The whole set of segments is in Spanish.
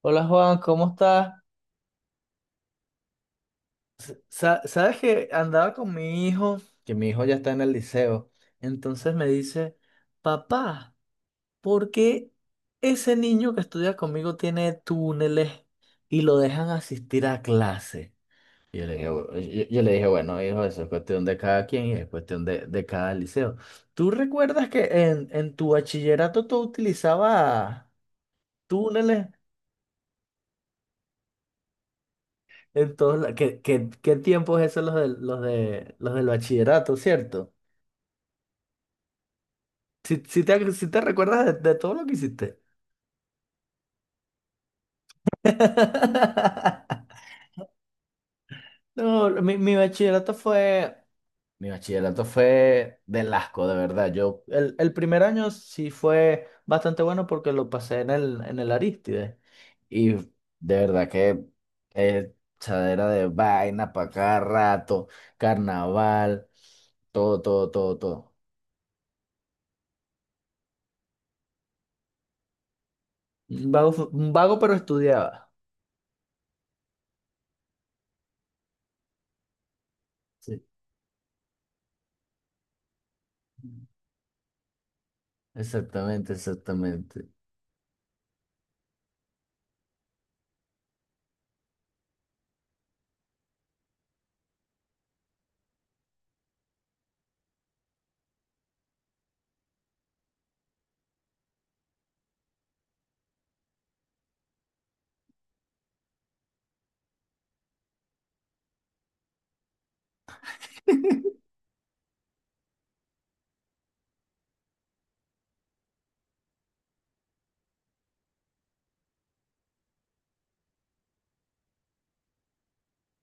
Hola, Juan, ¿cómo estás? Sabes que andaba con mi hijo, que mi hijo ya está en el liceo, entonces me dice, papá, ¿por qué ese niño que estudia conmigo tiene túneles y lo dejan asistir a clase? Yo le dije, "Yo le dije, bueno, hijo, eso es cuestión de cada quien y es cuestión de cada liceo. ¿Tú recuerdas que en tu bachillerato tú utilizabas túneles? ¿Qué tiempos esos los de los del bachillerato, ¿cierto? Si te recuerdas de todo lo que hiciste. No, mi bachillerato fue. Mi bachillerato fue del asco, de verdad. Yo, el primer año sí fue bastante bueno porque lo pasé en el Arístide. Y de verdad que eh, chadera de vaina para cada rato, carnaval, todo, todo, todo, todo. Un vago, un vago, pero estudiaba. Sí. Exactamente, exactamente.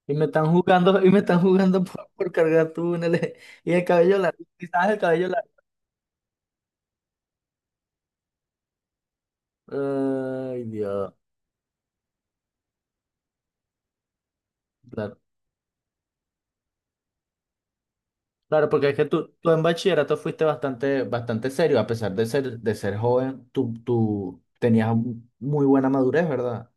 Y me están jugando, y me están jugando por cargar túneles. Y el cabello largo, quizás el cabello largo. Ay, Dios. Claro, claro, porque es que tú en bachillerato fuiste bastante, bastante serio, a pesar de ser joven, tú tenías muy buena madurez, ¿verdad?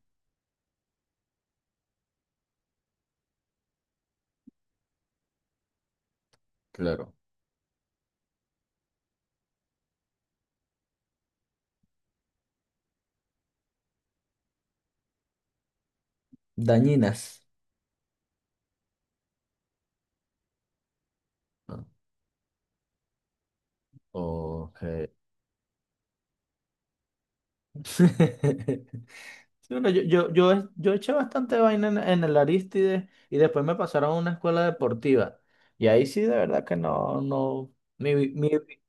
Claro. Dañinas. Ah, ok. Sí, bueno, yo eché bastante vaina en el Aristides y después me pasaron a una escuela deportiva. Y ahí sí, de verdad que no, no, mi, vi-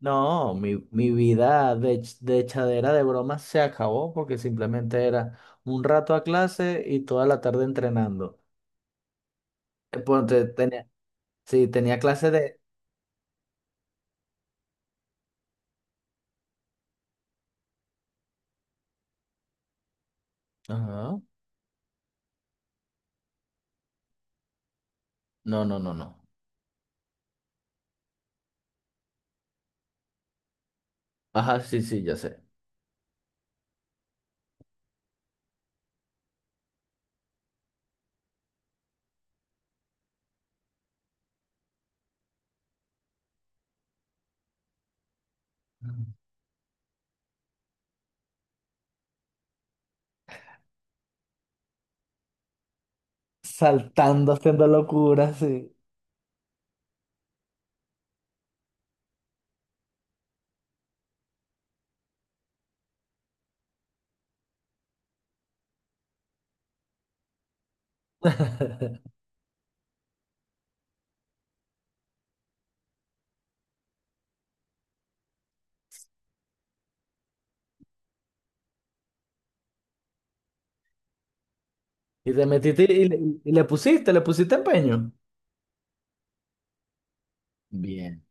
no, mi vida de echadera de bromas se acabó porque simplemente era un rato a clase y toda la tarde entrenando. Ponte, tenía, sí, tenía clase de… Ajá. No, no, no, no. Ajá, sí, sí, ya sé. Saltando, haciendo locuras, sí. Y te metiste y le pusiste empeño. Bien.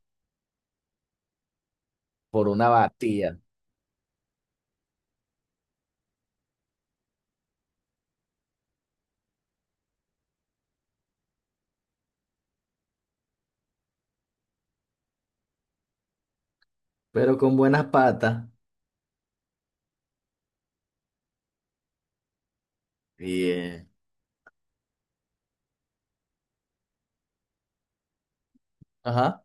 Por una batía. Pero con buenas patas. Bien. Ajá.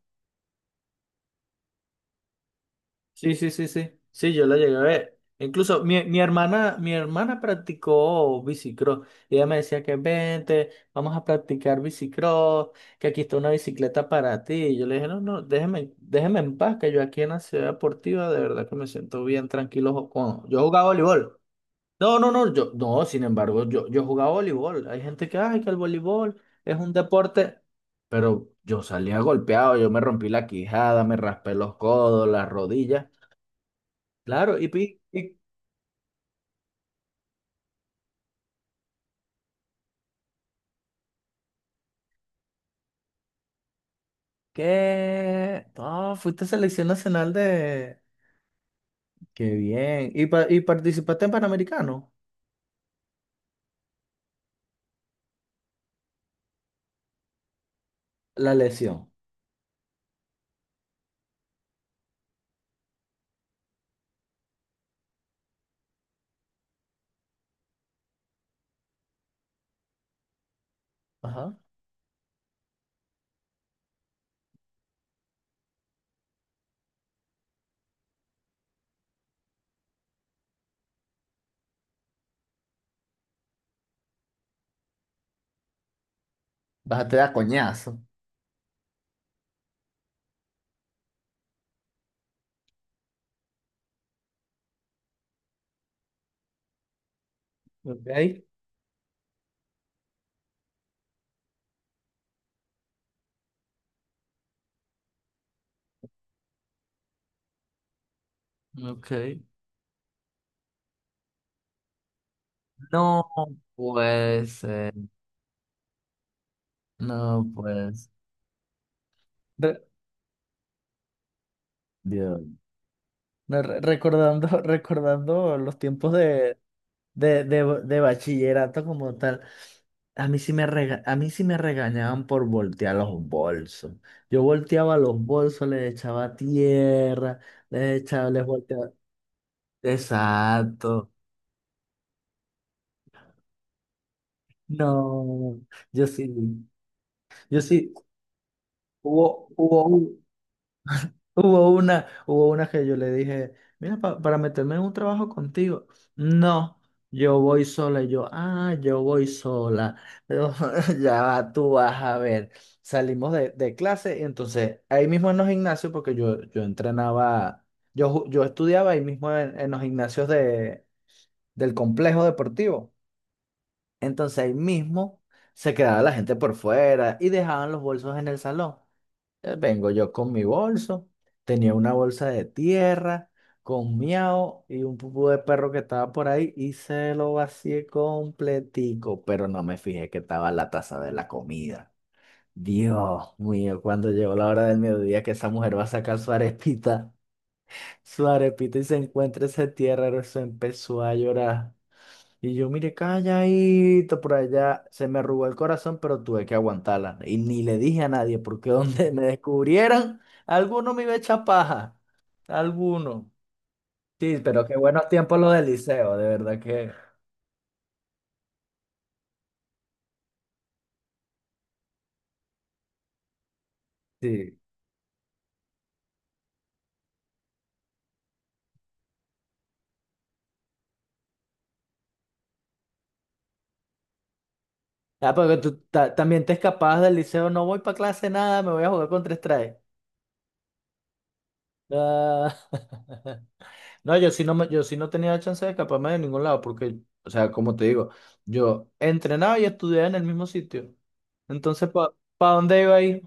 Sí, sí, sí, sí. Sí, yo la llegué a ver. Incluso mi hermana practicó bicicross. Y ella me decía que vente, vamos a practicar bicicross, que aquí está una bicicleta para ti. Y yo le dije, no, no, déjeme, déjeme en paz, que yo aquí en la ciudad deportiva de verdad que me siento bien tranquilo. Con… yo jugaba voleibol. No, no, no, yo, no, sin embargo, yo jugaba voleibol. Hay gente que, ay, que el voleibol es un deporte, pero yo salía golpeado, yo me rompí la quijada, me raspé los codos, las rodillas. Claro, y qué, no, fuiste selección nacional de, qué bien, y participaste en Panamericano, la lesión. Ajá. Bájate de a coñazo. Ok. Ok. No, pues, no, pues. Re- Dios. No, recordando, recordando los tiempos de bachillerato como tal, a mí sí a mí sí me regañaban por voltear los bolsos. Yo volteaba los bolsos, les echaba tierra, les echaba, les volteaba. Exacto. No, yo sí, yo sí, hubo, hubo, hubo una, hubo una que yo le dije, mira, para meterme en un trabajo contigo. No, yo voy sola. Y yo, ah, yo voy sola. Pero ya va, tú vas a ver. Salimos de clase y entonces ahí mismo en los gimnasios, porque yo entrenaba, yo estudiaba ahí mismo en los gimnasios de, del complejo deportivo. Entonces ahí mismo se quedaba la gente por fuera y dejaban los bolsos en el salón. Vengo yo con mi bolso, tenía una bolsa de tierra, con miau y un pupú de perro que estaba por ahí y se lo vacié completico, pero no me fijé que estaba la taza de la comida. Dios mío, cuando llegó la hora del mediodía que esa mujer va a sacar su arepita y se encuentra ese tierra, eso empezó a llorar. Y yo, mire, calladito por allá, se me arrugó el corazón, pero tuve que aguantarla. Y ni le dije a nadie, porque donde me descubrieran, alguno me iba a echar paja. Alguno. Sí, pero qué buenos tiempos los del liceo, de verdad que. Sí. Ah, porque tú también te escapabas del liceo, no voy para clase nada, me voy a jugar con tres trajes. Ah, no, yo sí no, yo sí no tenía chance de escaparme de ningún lado, porque, o sea, como te digo, yo entrenaba y estudiaba en el mismo sitio. Entonces, ¿para pa pa dónde iba ahí?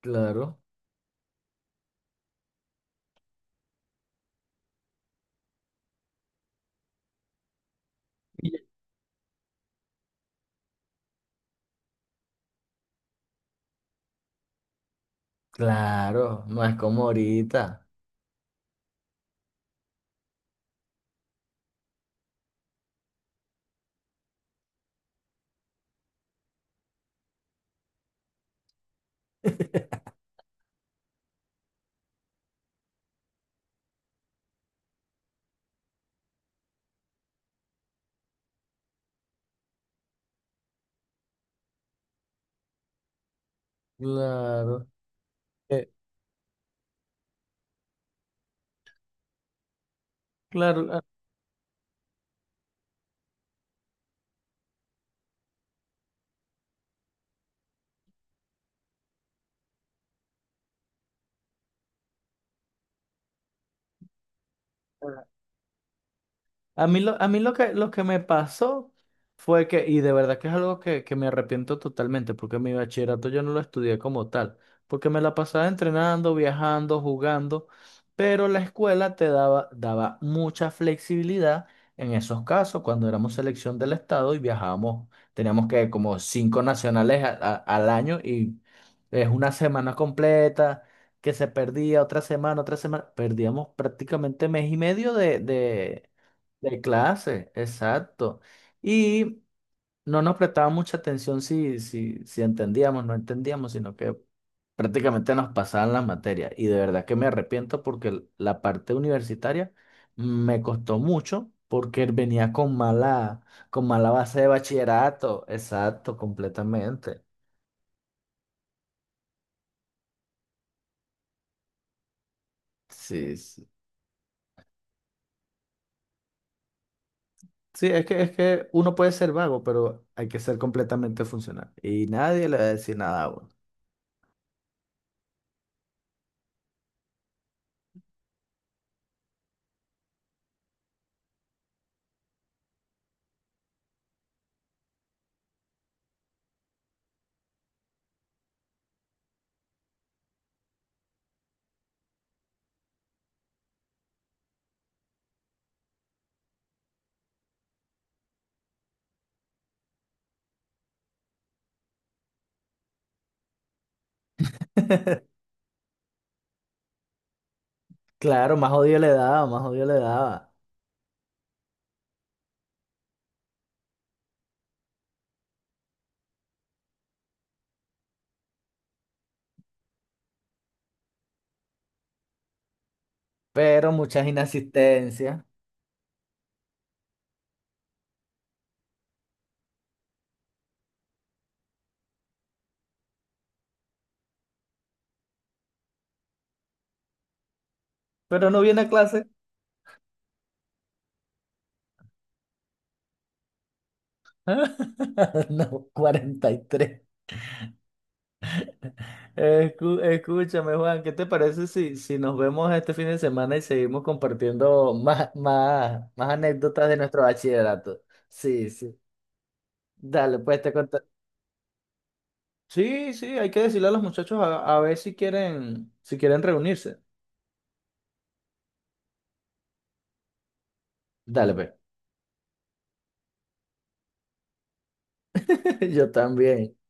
Claro, claro, no es como ahorita. Claro. Eh, claro. Ah, a mí lo, a mí lo que me pasó fue que, y de verdad que es algo que me arrepiento totalmente, porque mi bachillerato yo no lo estudié como tal, porque me la pasaba entrenando, viajando, jugando, pero la escuela te daba, daba mucha flexibilidad en esos casos, cuando éramos selección del estado y viajábamos, teníamos que como 5 nacionales al año y es una semana completa. Que se perdía otra semana, perdíamos prácticamente mes y medio de clase, exacto. Y no nos prestaba mucha atención si, si entendíamos, no entendíamos, sino que prácticamente nos pasaban las materias. Y de verdad que me arrepiento porque la parte universitaria me costó mucho porque venía con mala base de bachillerato. Exacto, completamente. Sí, sí. Sí, es que uno puede ser vago, pero hay que ser completamente funcional. Y nadie le va a decir nada a uno. Claro, más odio le daba, más odio le daba. Pero muchas inasistencias. Pero no viene a clase. No, 43. Escúchame, Juan, ¿qué te parece si, si nos vemos este fin de semana y seguimos compartiendo más, más, más anécdotas de nuestro bachillerato? Sí, sí. Dale, pues te conto. Sí, sí, hay que decirle a los muchachos a ver si quieren, si quieren reunirse. Dale, pues. Yo también.